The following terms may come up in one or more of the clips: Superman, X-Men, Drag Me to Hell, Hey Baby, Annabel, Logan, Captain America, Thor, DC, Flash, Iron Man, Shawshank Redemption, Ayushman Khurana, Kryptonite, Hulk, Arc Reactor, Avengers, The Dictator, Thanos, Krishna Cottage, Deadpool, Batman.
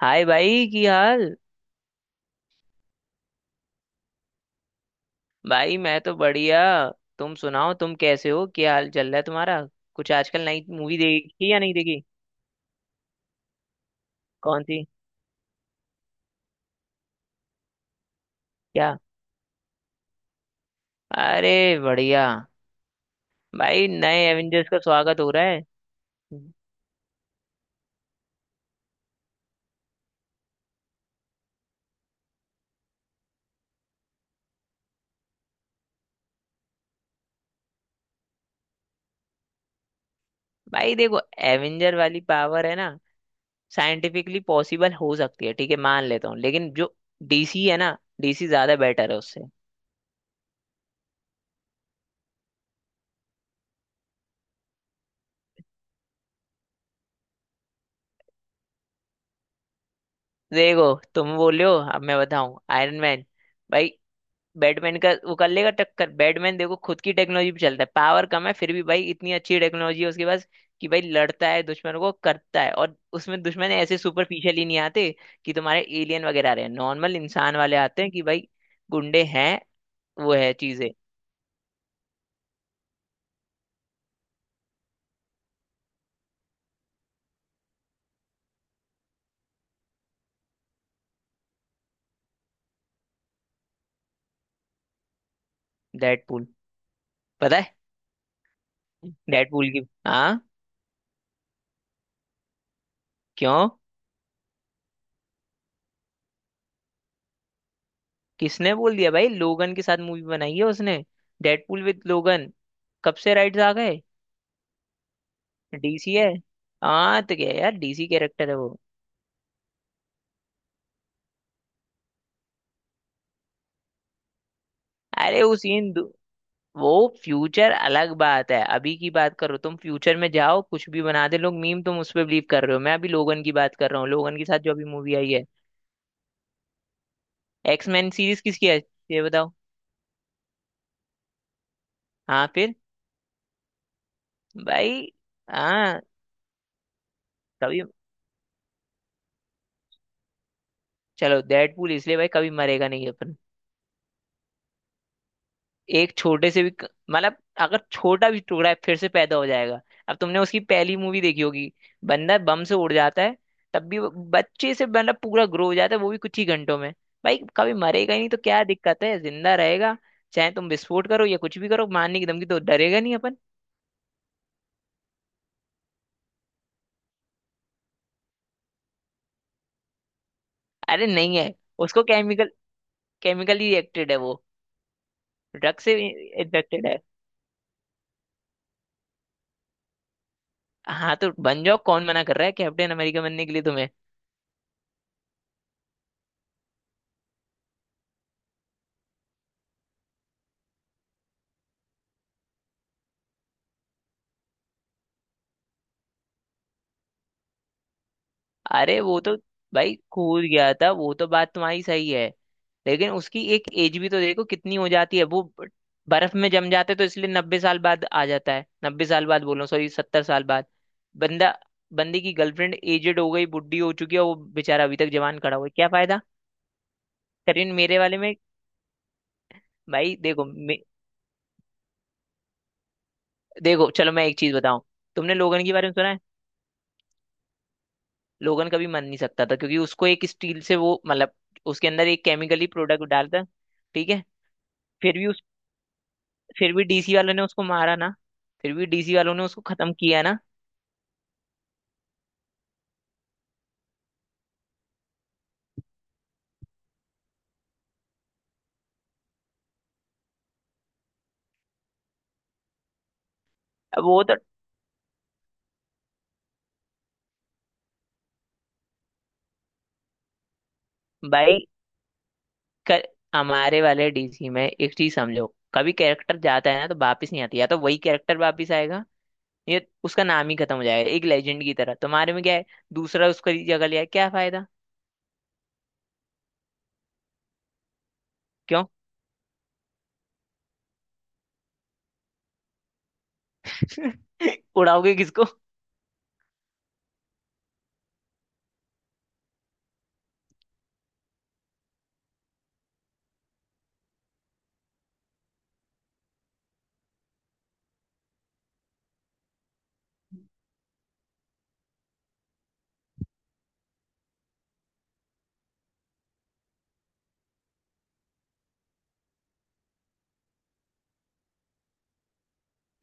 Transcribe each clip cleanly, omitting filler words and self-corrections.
हाय भाई की हाल। भाई मैं तो बढ़िया। तुम सुनाओ, तुम कैसे हो? क्या हाल चल रहा है तुम्हारा? कुछ आजकल नई मूवी देखी या नहीं देखी? कौन सी? क्या? अरे, बढ़िया। भाई नए एवेंजर्स का स्वागत हो रहा है। भाई देखो, एवेंजर वाली पावर है ना, साइंटिफिकली पॉसिबल हो सकती है, ठीक है, मान लेता हूँ, लेकिन जो डीसी है ना, डीसी ज्यादा बेटर है उससे। देखो, तुम बोल रहे हो, अब मैं बताऊं। आयरन मैन, भाई, बैटमैन का वो कर लेगा टक्कर। बैटमैन देखो खुद की टेक्नोलॉजी पे चलता है, पावर कम है फिर भी भाई इतनी अच्छी टेक्नोलॉजी है उसके पास कि भाई लड़ता है दुश्मन को, करता है, और उसमें दुश्मन ऐसे सुपरफिशियल ही नहीं आते कि तुम्हारे एलियन वगैरह आ रहे हैं। नॉर्मल इंसान वाले आते हैं कि भाई गुंडे हैं, वो है चीजें। डेडपूल, पता है। डेडपूल की, हाँ। क्यों? किसने बोल दिया भाई, लोगन के साथ मूवी बनाई है उसने। डेडपूल विद लोगन, कब से राइट्स आ गए? डीसी है। हाँ तो क्या यार, डीसी कैरेक्टर है वो। अरे उस इन दु- वो। फ्यूचर अलग बात है, अभी की बात करो। तुम फ्यूचर में जाओ, कुछ भी बना दे लोग मीम तुम उस पर बिलीव कर रहे हो। मैं अभी लोगन की बात कर रहा हूँ, लोगन के साथ जो अभी मूवी आई है। एक्समैन सीरीज किसकी है, ये बताओ। हाँ फिर। भाई। हाँ। कभी, चलो, डेडपूल इसलिए भाई कभी मरेगा नहीं अपन। एक छोटे से भी क- मतलब अगर छोटा भी टुकड़ा है फिर से पैदा हो जाएगा। अब तुमने उसकी पहली मूवी देखी होगी, बंदा बम से उड़ जाता है, तब भी वो बच्चे से मतलब पूरा ग्रो हो जाता है वो भी कुछ ही घंटों में। भाई कभी मरेगा ही नहीं तो क्या दिक्कत है, जिंदा रहेगा। चाहे तुम विस्फोट करो या कुछ भी करो, मारने की धमकी तो डरेगा नहीं अपन। अरे नहीं है। उसको केमिकली रिएक्टेड है वो, ड्रग से इन्फेक्टेड है। हाँ तो बन जाओ, कौन मना कर रहा है कैप्टन अमेरिका बनने के लिए। अरे वो तो, भाई कूद गया था वो तो, बात तुम्हारी सही है। लेकिन उसकी एक एज भी तो देखो कितनी हो जाती है। वो बर्फ में जम जाते तो इसलिए 90 साल बाद आ जाता है। 90 साल बाद बोलो, सॉरी 70 साल बाद। बंदा, बंदे की गर्लफ्रेंड एजेड हो गई, बुढ़ी हो चुकी है, वो बेचारा अभी तक जवान खड़ा हुआ है, क्या फायदा। करीन मेरे वाले में। भाई देखो देखो, चलो मैं एक चीज बताऊं। तुमने लोगन के बारे में सुना है? लोगन कभी मर नहीं सकता था क्योंकि उसको एक स्टील से वो मतलब उसके अंदर एक केमिकली प्रोडक्ट डालता। ठीक है, फिर भी उस, फिर भी डीसी वालों ने उसको मारा ना। फिर भी डीसी वालों ने उसको खत्म किया ना। अब वो तो, भाई कर, हमारे वाले डीसी में एक चीज समझो, कभी कैरेक्टर जाता है ना तो वापस नहीं आती। या तो वही कैरेक्टर वापस आएगा, ये उसका नाम ही खत्म हो जाएगा एक लेजेंड की तरह। तुम्हारे में क्या है, दूसरा उसकी जगह लिया, क्या फायदा। क्यों? उड़ाओगे किसको?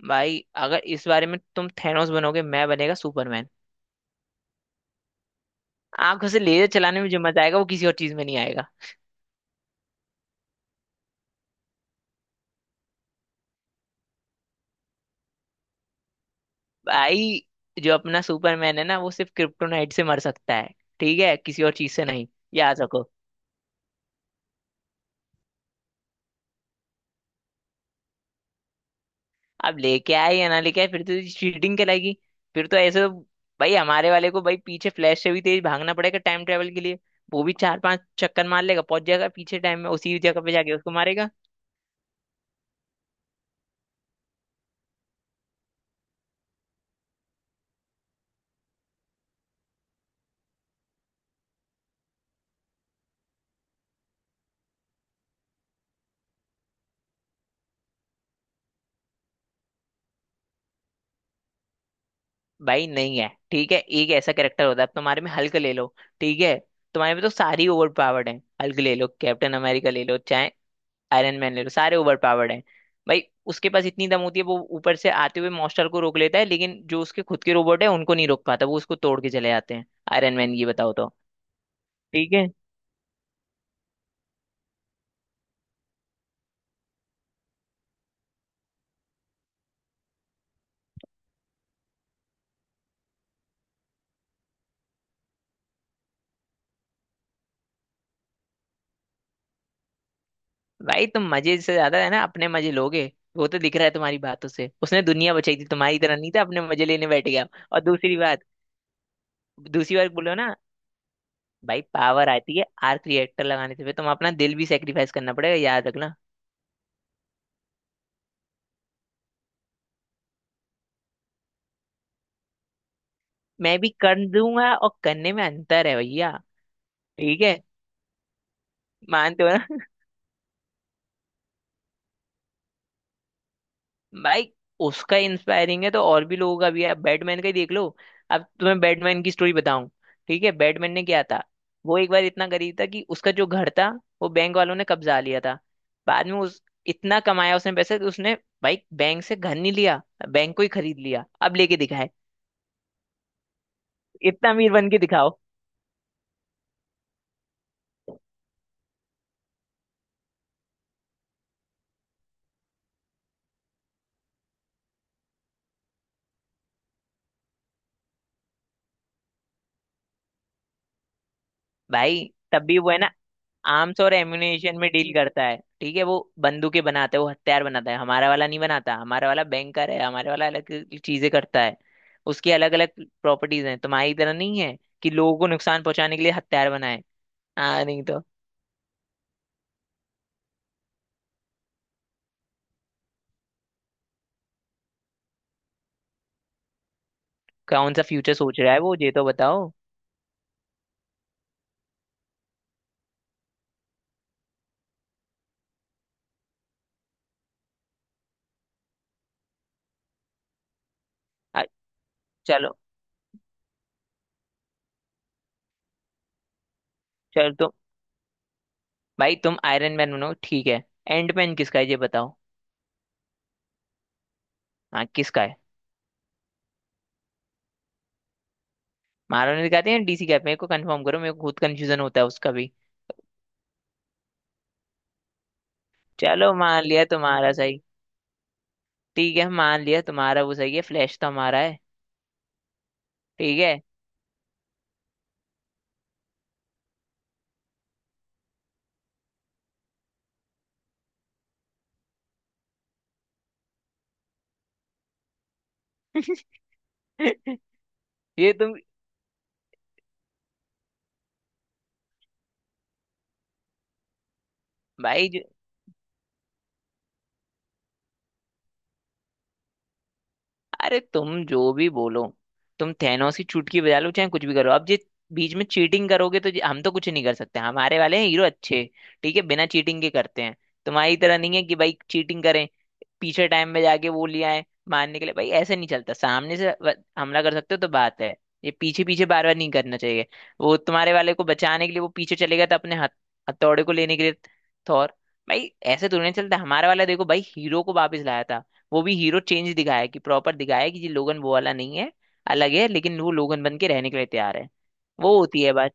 भाई अगर इस बारे में तुम थैनोस बनोगे, मैं बनेगा सुपरमैन। आंखों से लेजर चलाने में जो मजा आएगा वो किसी और चीज में नहीं आएगा। भाई जो अपना सुपरमैन है ना, वो सिर्फ क्रिप्टोनाइट से मर सकता है। ठीक है, किसी और चीज से नहीं। याद रखो। अब लेके आए या ना लेके आए, फिर तो चीटिंग कहलाएगी। फिर तो ऐसे तो, भाई हमारे वाले को भाई पीछे फ्लैश से भी तेज भागना पड़ेगा टाइम ट्रेवल के लिए। वो भी चार पांच चक्कर मार लेगा, पहुंच जाएगा पीछे टाइम में उसी जगह पे, जाके उसको मारेगा। भाई नहीं है, ठीक है, एक ऐसा कैरेक्टर होता है। अब तुम्हारे में हल्क ले लो, ठीक है, तुम्हारे में तो सारी ओवर पावर्ड है। हल्क ले लो, कैप्टन अमेरिका ले लो, चाहे आयरन मैन ले लो, सारे ओवर पावर्ड हैं। भाई उसके पास इतनी दम होती है वो ऊपर से आते हुए मॉन्स्टर को रोक लेता है, लेकिन जो उसके खुद के रोबोट है उनको नहीं रोक पाता, वो उसको तोड़ के चले जाते हैं। आयरन मैन, ये बताओ तो। ठीक है, भाई तुम मजे से ज्यादा है ना अपने मजे लोगे। वो तो दिख रहा है तुम्हारी बातों से। उसने दुनिया बचाई थी, तुम्हारी तरह नहीं था अपने मजे लेने बैठ गया। और दूसरी बात, दूसरी बात बोलो ना। भाई पावर आती है आर्क रिएक्टर लगाने से, फिर तुम अपना दिल भी सेक्रीफाइस करना पड़ेगा, याद रखना। मैं भी कर दूंगा और करने में अंतर है भैया। ठीक है। मानते हो ना? भाई, उसका इंस्पायरिंग है तो और भी लोगों का भी है, बैटमैन का ही देख लो। अब तुम्हें बैटमैन की स्टोरी बताऊं? ठीक है, बैटमैन ने क्या था, वो एक बार इतना गरीब था कि उसका जो घर था वो बैंक वालों ने कब्जा लिया था। बाद में उस इतना कमाया उसने पैसे, तो उसने भाई बैंक से घर नहीं लिया, बैंक को ही खरीद लिया। अब लेके दिखाए, इतना अमीर बन के दिखाओ। भाई तब भी वो है ना, आर्म्स और एम्युनिशन में डील करता है, ठीक है, वो बंदूकें बनाता है, वो हथियार बनाता है, हमारा वाला नहीं बनाता। हमारा वाला बैंकर है, हमारे वाला अलग चीजें करता है। उसकी अलग अलग प्रॉपर्टीज हैं, तुम्हारी तरह नहीं है कि लोगों को नुकसान पहुंचाने के लिए हथियार बनाए। हाँ नहीं तो। कौन सा फ्यूचर सोच रहा है वो, ये तो बताओ। आ, चलो। चलो तो, भाई तुम आयरन मैन बनो, ठीक है। एंड मैन किसका है, ये बताओ। हाँ किसका है। मारो ने दिखाते हैं डीसी कैप, मेरे को कंफर्म करो, मेरे को खुद कंफ्यूजन होता है उसका भी। चलो मान लिया तुम्हारा सही, ठीक है, मान लिया तुम्हारा वो सही है। फ्लैश तो हमारा है। ठीक है। ये तुम, भाई अरे, तुम जो भी बोलो, तुम थैनोस की चुटकी बजा लो चाहे कुछ भी करो, अब ये बीच में चीटिंग करोगे तो हम तो कुछ नहीं कर सकते। हमारे वाले हैं हीरो अच्छे, ठीक है, बिना चीटिंग के करते हैं। तुम्हारी तरह नहीं है कि भाई चीटिंग करें, पीछे टाइम में जाके वो लिया है मारने के लिए। भाई ऐसे नहीं चलता, सामने से हमला कर सकते हो तो बात है। ये पीछे पीछे बार बार नहीं करना चाहिए। वो तुम्हारे वाले को बचाने के लिए वो पीछे चलेगा तो अपने हथ हथौड़े को लेने के लिए, थौर। भाई ऐसे तो नहीं चलता। हमारा वाला देखो भाई, हीरो को वापस लाया था, वो भी हीरो चेंज दिखाया है कि प्रॉपर दिखाया है कि ये लोगन वो वाला नहीं है, अलग है, लेकिन वो लोगन बन के रहने के लिए तैयार है। वो होती है बात।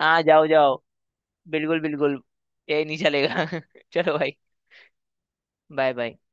हाँ जाओ जाओ, बिल्कुल बिल्कुल, ये नहीं चलेगा। चलो भाई। Bye bye.